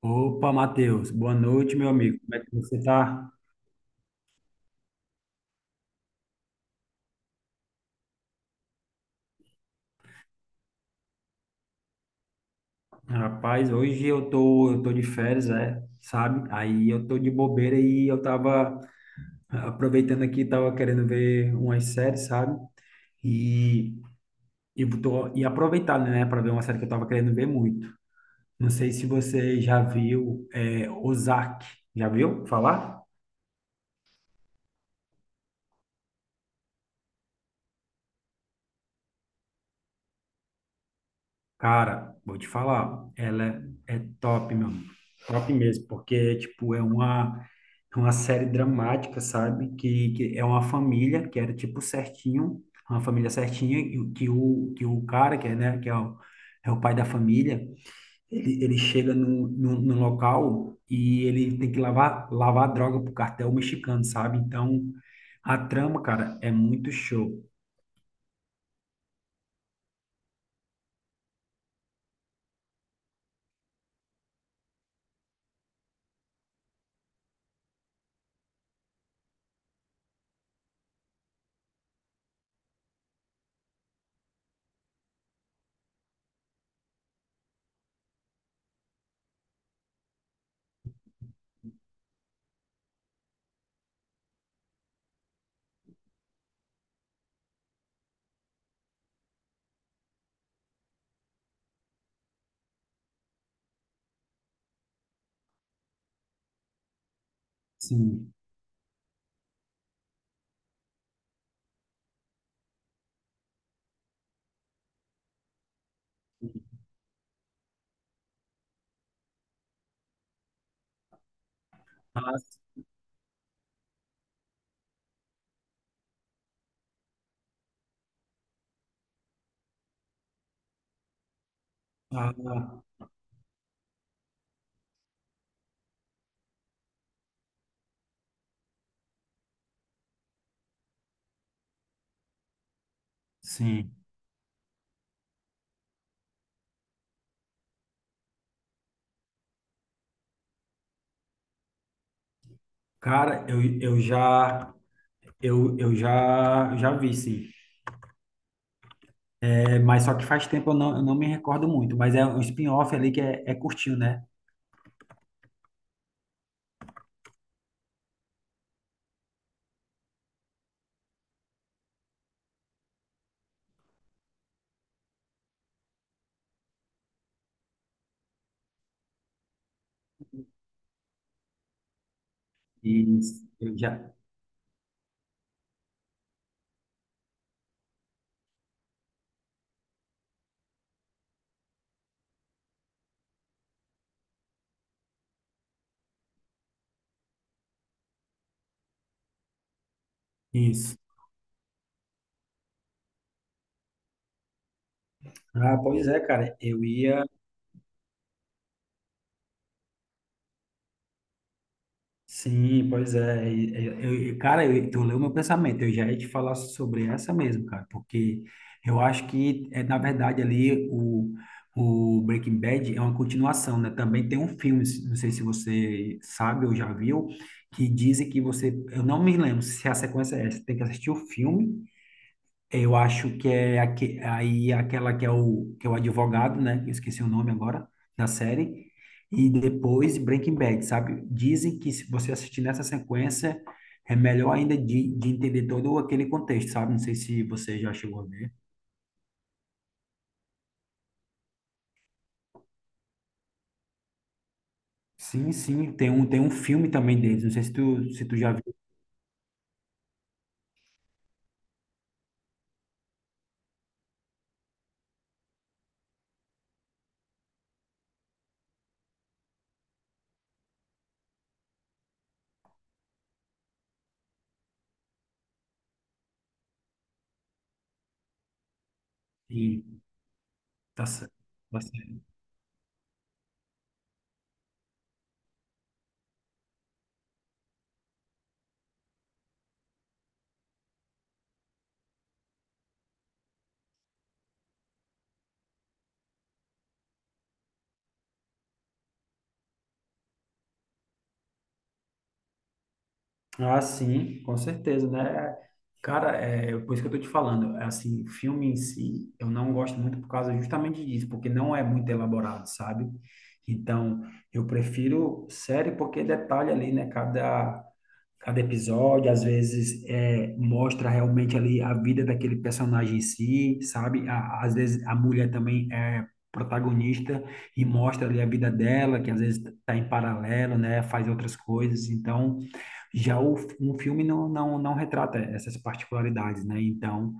Opa, Matheus, boa noite, meu amigo. Como é que você tá? Rapaz, hoje eu tô de férias, é, sabe? Aí eu tô de bobeira e eu tava aproveitando aqui, tava querendo ver umas séries, sabe? E, e aproveitando, né, para ver uma série que eu tava querendo ver muito. Não sei se você já viu, é, Ozark. Já viu falar? Cara, vou te falar, ela é top, meu amigo. Top mesmo, porque, tipo, é uma série dramática, sabe? Que é uma família que era, tipo, certinho, uma família certinha, e que o cara, que é, né, é o pai da família, ele chega no local e ele tem que lavar, lavar droga pro cartel mexicano, sabe? Então, a trama, cara, é muito show. Sim. Mas, ah, sim. Cara, eu já vi, sim. É, mas só que faz tempo eu não me recordo muito, mas é um spin-off ali é curtinho, né? E eu já isso. Ah, pois é, cara. Eu ia. Sim, pois é. Cara, eu, tu leu meu pensamento. Eu já ia te falar sobre essa mesmo, cara, porque eu acho que, é, na verdade, o Breaking Bad é uma continuação, né? Também tem um filme, se- não sei se você sabe ou já viu, que dizem que você. Eu não me lembro se a sequência é essa, tem que assistir o filme. Eu acho que é aque- aí aquela que é o advogado, né? Eu esqueci o nome agora da série. E depois Breaking Bad, sabe? Dizem que se você assistir nessa sequência é melhor ainda de entender todo aquele contexto, sabe? Não sei se você já chegou a ver. Sim, sim, tem um filme também deles. Não sei se tu já viu. E tá certo. Ah, sim, com certeza, né? É, cara, é por isso que eu tô te falando. Assim, filme em si, eu não gosto muito por causa justamente disso, porque não é muito elaborado, sabe? Então, eu prefiro série porque detalha ali, né? Cada episódio, às vezes é, mostra realmente ali a vida daquele personagem em si, sabe? A- às vezes a mulher também é protagonista e mostra ali a vida dela, que às vezes está em paralelo, né? Faz outras coisas. Então, um filme não retrata essas particularidades, né? Então,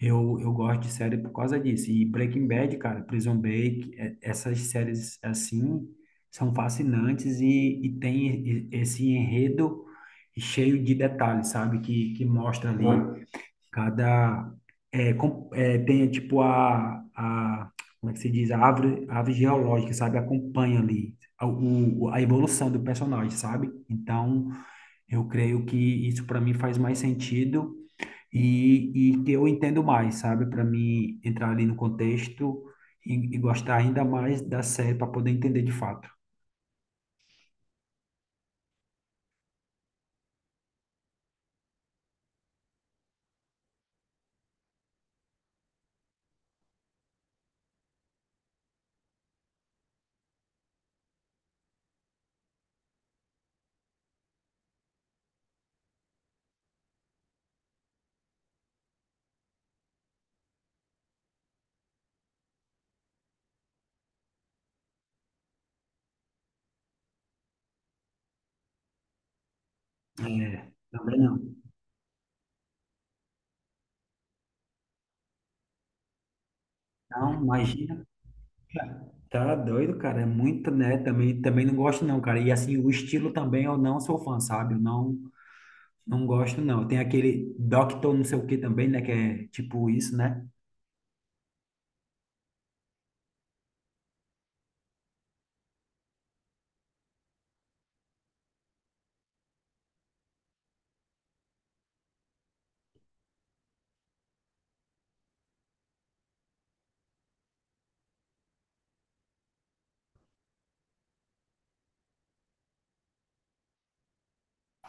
eu gosto de série por causa disso. E Breaking Bad, cara, Prison Break, é- essas séries assim são fascinantes e tem esse enredo cheio de detalhes, sabe? Que mostra ali cada. É, com- é, tem tipo a. Como é que se diz? A árvore geológica, sabe? Acompanha a evolução do personagem, sabe? Então, eu creio que isso para mim faz mais sentido e que eu entendo mais, sabe? Para mim entrar ali no contexto e gostar ainda mais da série para poder entender de fato. É, também não. Não, imagina. Tá doido, cara. É muito, né? Também, também não gosto, não, cara. E assim, o estilo também eu não sou fã, sabe? Eu não, não gosto, não. Tem aquele Doctor não sei o que também, né? Que é tipo isso, né?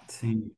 Sim.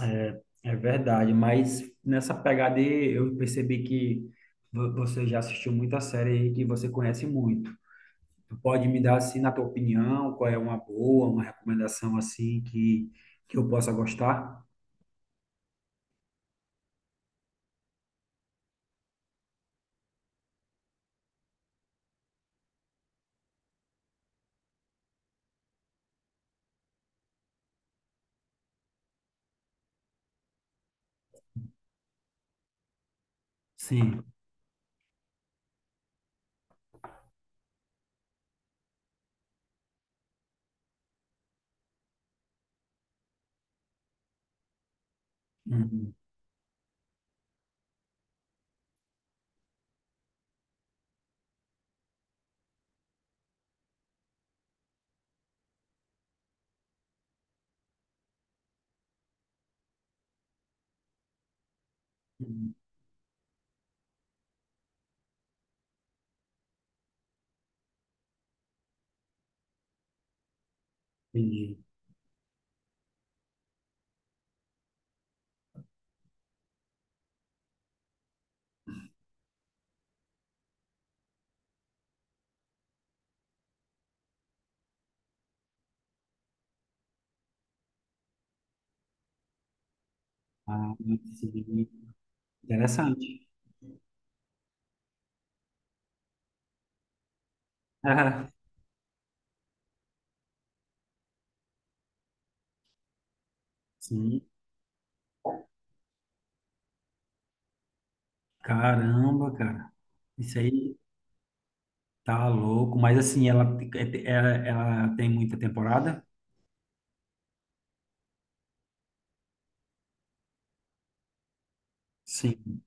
É, é verdade, mas nessa pegada aí, eu percebi que você já assistiu muita série aí que você conhece muito. Tu pode me dar, assim, na tua opinião, qual é uma boa, uma recomendação, assim, que eu possa gostar? Sim. Uhum. Uhum. Entendi. Ah, sim. Interessante. Ah, sim. Caramba, cara. Isso aí tá louco. Mas, assim, ela tem muita temporada? Sim.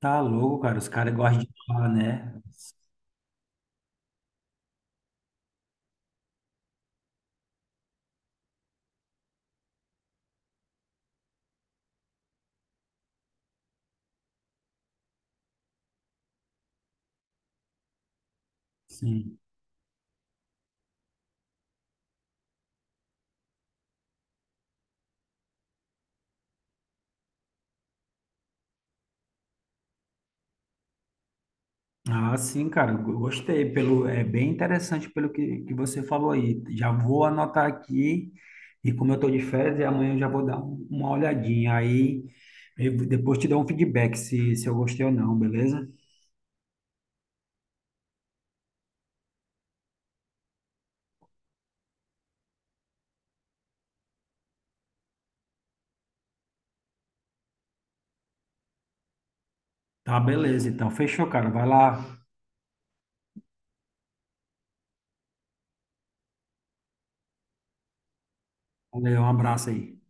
Tá louco, cara. Os caras gostam de falar, né? Sim. Ah, sim, cara. Eu Gostei. Pelo, é bem interessante pelo que você falou aí. Já vou anotar aqui. E como eu tô de férias, e amanhã eu já vou dar uma olhadinha. Aí eu depois te dou um feedback se, se eu gostei ou não, beleza? Tá, beleza. Então, fechou, cara. Vai lá. Valeu, um abraço aí.